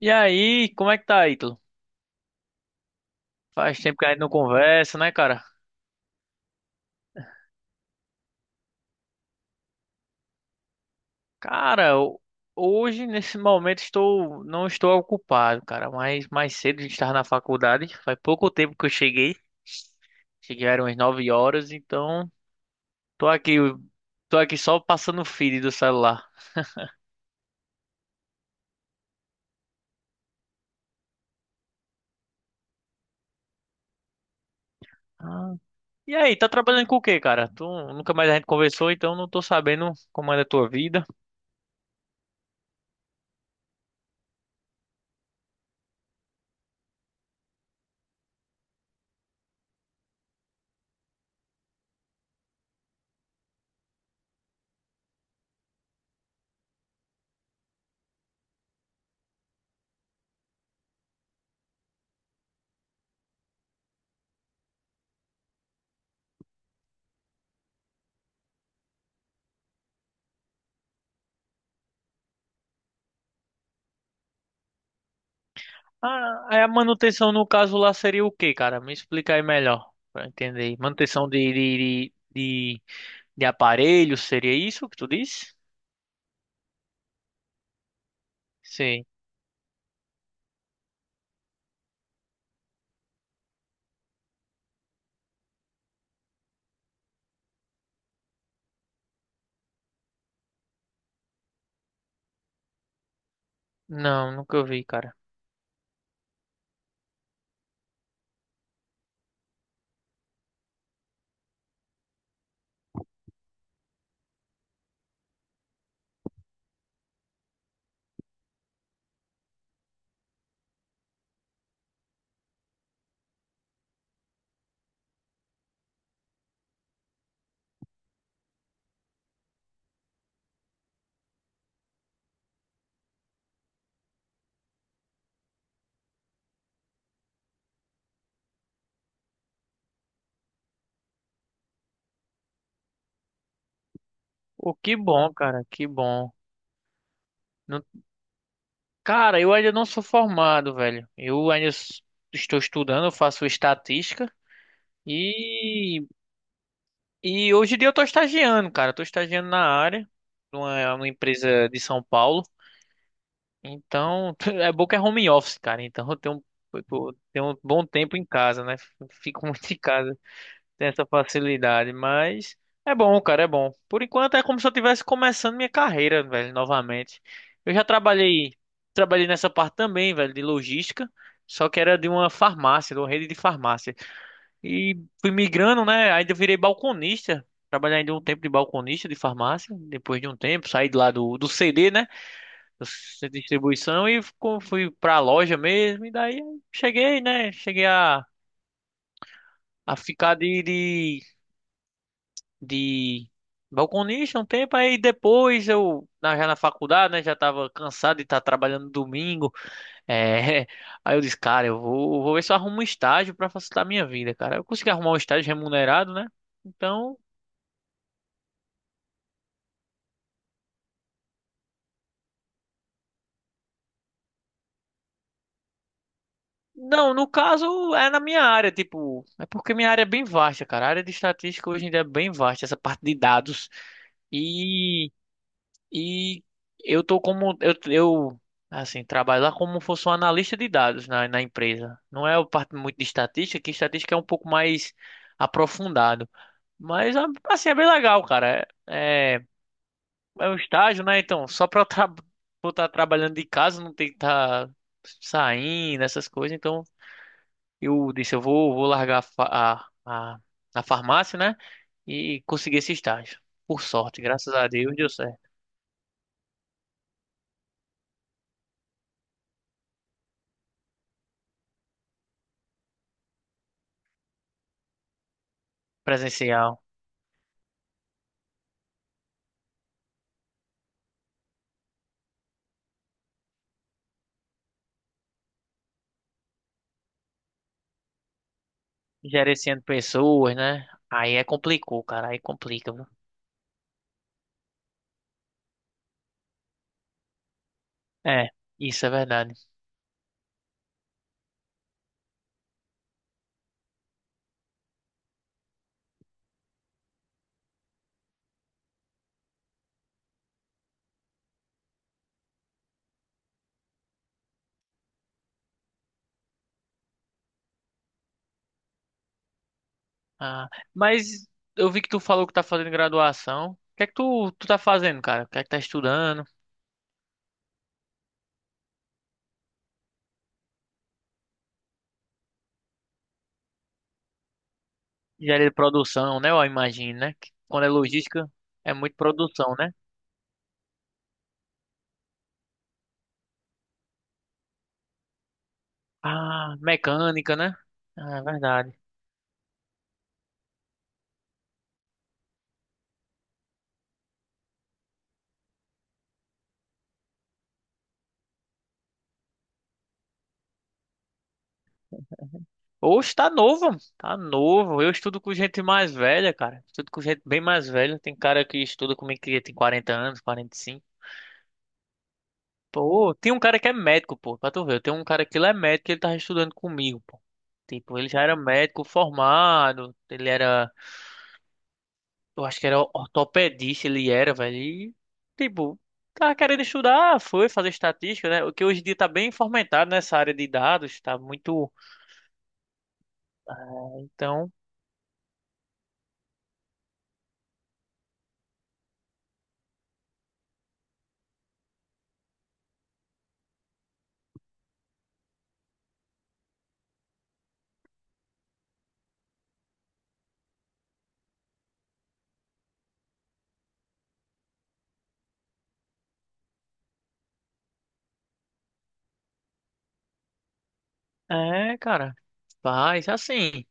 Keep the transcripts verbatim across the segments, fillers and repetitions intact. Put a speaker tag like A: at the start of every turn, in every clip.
A: E aí, como é que tá, Ítalo? Faz tempo que a gente não conversa, né, cara? Cara, eu- hoje, nesse momento, estou, não estou ocupado, cara. Mas mais cedo a gente estava na faculdade. Faz pouco tempo que eu cheguei. Cheguei eram umas nove horas, então tô aqui, tô aqui só passando o feed do celular. Ah. E aí, tá trabalhando com o quê, cara? Tu, nunca mais a gente conversou, então não tô sabendo como é a tua vida. Ah, aí a manutenção no caso lá seria o quê, cara? Me explica aí melhor pra eu entender. Manutenção de, de, de, de, de aparelhos, seria isso que tu disse? Sim. Não, nunca vi, cara. Pô, que bom, cara, que bom. Não- Cara, eu ainda não sou formado, velho. Eu ainda s- estou estudando, eu faço estatística e, e hoje em dia eu tô estagiando, cara. Eu tô estagiando na área, numa, numa empresa de São Paulo. Então, é bom que é home office, cara. Então, eu tenho, um, tipo, eu tenho um bom tempo em casa, né? Fico muito em casa, tem essa facilidade, mas é bom, cara, é bom. Por enquanto é como se eu estivesse começando minha carreira, velho, novamente. Eu já trabalhei, trabalhei nessa parte também, velho, de logística, só que era de uma farmácia, de uma rede de farmácia. E fui migrando, né? Aí eu virei balconista. Trabalhei ainda um tempo de balconista de farmácia, depois de um tempo, saí de lá do, do C D, né? Centro de distribuição e co- fui pra loja mesmo. E daí eu cheguei, né? Cheguei a, a ficar de, de, de balconista um tempo. Aí depois eu, na- já na faculdade, né? Já tava cansado de estar trabalhando domingo. É, aí eu disse, cara, eu vou, vou ver se eu arrumo um estágio pra facilitar a minha vida, cara. Eu consegui arrumar um estágio remunerado, né? Então. Não, no caso é na minha área, tipo, é porque minha área é bem vasta, cara. A área de estatística hoje em dia é bem vasta, essa parte de dados. E, e eu tô como, eu, eu, assim, trabalho lá como se fosse um analista de dados na, na empresa. Não é o parte muito de estatística, que estatística é um pouco mais aprofundado. Mas, a- assim, é bem legal, cara. É, é é um estágio, né? Então, só pra eu estar trabalhando de casa, não tem que estar saindo, essas coisas, então eu disse, eu vou, vou largar a, fa- a, a, a farmácia, né? E consegui esse estágio. Por sorte, graças a Deus, deu certo. Presencial. Gerenciando pessoas, né? Aí é complicou, cara. Aí complica, viu? É, isso é verdade. Ah, mas eu vi que tu falou que tá fazendo graduação. O que é que tu, tu tá fazendo, cara? O que é que tá estudando? Engenharia de produção, né? Eu imagino, né? Que Quando é logística, é muito produção, né? Ah, mecânica, né? Ah, é verdade. Oxe, tá novo, tá novo. Eu estudo com gente mais velha, cara. Estudo com gente bem mais velha. Tem cara que estuda comigo que tem quarenta anos, quarenta e cinco. Pô, tem um cara que é médico, pô, pra tu ver. Eu tenho um cara que ele é médico e ele tava estudando comigo, pô. Tipo, ele já era médico formado, ele era, eu acho que era ortopedista, ele era, velho. E, tipo, tava querendo estudar, foi fazer estatística, né? O que hoje em dia tá bem fomentado nessa área de dados, tá muito. Então, é, cara, faz assim.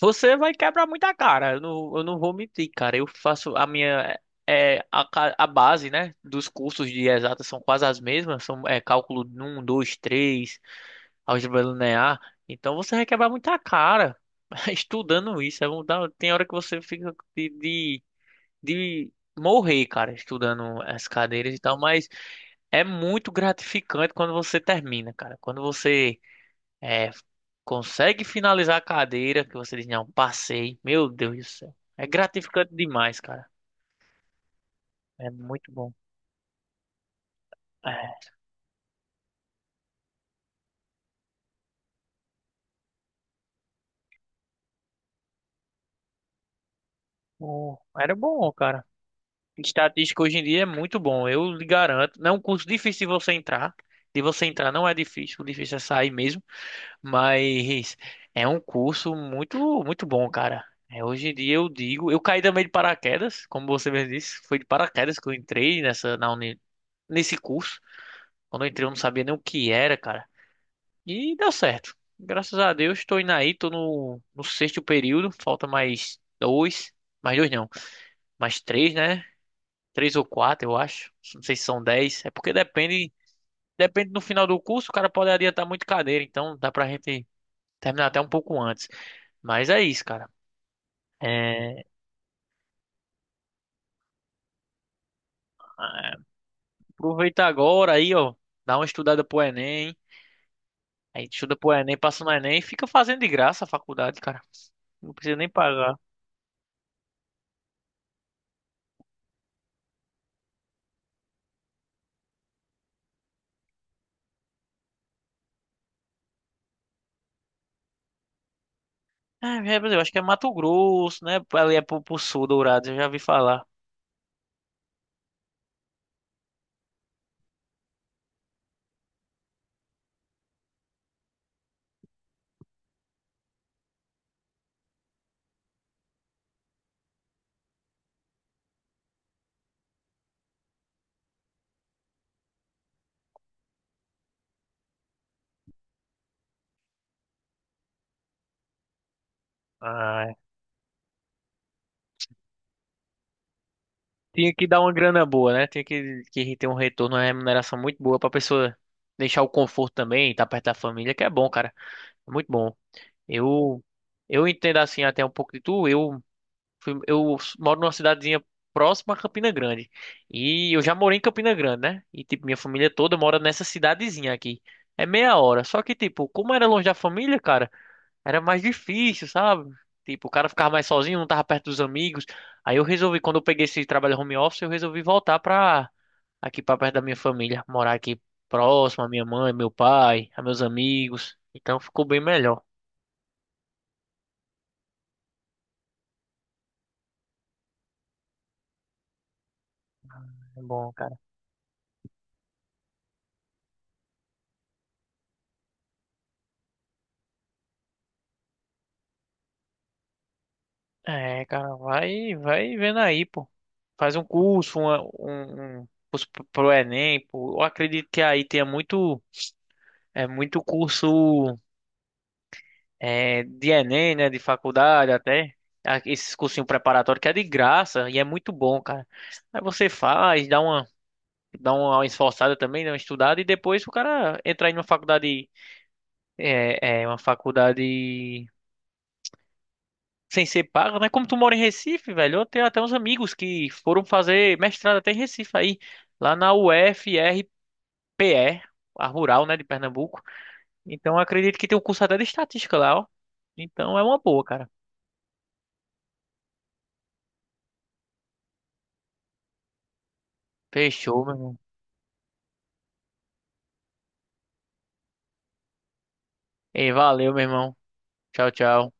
A: Você vai quebrar muita cara, eu não, eu não vou mentir, cara. Eu faço a minha. É, a, ca- a base, né, dos cursos de exatas são quase as mesmas, são é, cálculo um, dois, três, álgebra linear. Então você vai quebrar muita cara estudando isso. É, um da- tem hora que você fica de, de, de morrer, cara, estudando as cadeiras e tal, mas é muito gratificante quando você termina, cara. Quando você é, consegue finalizar a cadeira que você diz, não, passei. Meu Deus do céu. É gratificante demais, cara. É muito bom. É, o- era bom, cara. Estatística hoje em dia é muito bom, eu lhe garanto. Não é um curso difícil de você entrar. De você entrar não é difícil, o difícil é sair mesmo. Mas é um curso muito, muito bom, cara. É, hoje em dia eu digo, eu caí também de paraquedas, como você mesmo disse, foi de paraquedas que eu entrei nessa, na uni, nesse curso. Quando eu entrei, eu não sabia nem o que era, cara. E deu certo. Graças a Deus, estou indo aí, tô no, no sexto período. Falta mais dois. Mais dois não. Mais três, né? Três ou quatro, eu acho. Não sei se são dez. É porque depende. Depende no final do curso, o cara pode adiantar muito cadeira, então dá pra gente terminar até um pouco antes. Mas é isso, cara. É, aproveita agora aí, ó. Dá uma estudada pro Enem. Aí estuda pro Enem, passa no Enem e fica fazendo de graça a faculdade, cara. Não precisa nem pagar. É, é, Brasil, acho que é Mato Grosso, né? Ali é pro, pro sul, Dourados, eu já vi falar. Ah, é. tinha que dar uma grana boa, né? Tinha que, que ter um retorno, uma remuneração muito boa pra pessoa deixar o conforto também, estar perto da família, que é bom, cara. É muito bom. Eu, eu entendo assim até um pouco de tu. Eu, fui- eu moro numa cidadezinha próxima a Campina Grande. E eu já morei em Campina Grande, né? E tipo, minha família toda mora nessa cidadezinha aqui. É meia hora. Só que, tipo, como era longe da família, cara. Era mais difícil, sabe? Tipo, o cara ficava mais sozinho, não tava perto dos amigos. Aí eu resolvi, quando eu peguei esse trabalho home office, eu resolvi voltar pra aqui pra perto da minha família, morar aqui próximo à minha mãe, meu pai, a meus amigos. Então ficou bem melhor. É Bom, cara. É, cara, vai, vai vendo aí, pô. Faz um curso, uma- um, um curso pro pro Enem, pô. Eu acredito que aí tenha muito, é muito curso é, de Enem, né, de faculdade até, a- esses cursinhos preparatórios que é de graça e é muito bom, cara. Aí você faz, dá uma, dá uma esforçada também, dá uma estudada e depois o cara entra em uma faculdade, é, é, uma faculdade sem ser paga, né? Como tu mora em Recife, velho, eu tenho até uns amigos que foram fazer mestrado até em Recife aí, lá na uférpe, a Rural, né, de Pernambuco. Então eu acredito que tem um curso até de estatística lá, ó. Então é uma boa, cara. Fechou, meu irmão. Ei, valeu, meu irmão. Tchau, tchau.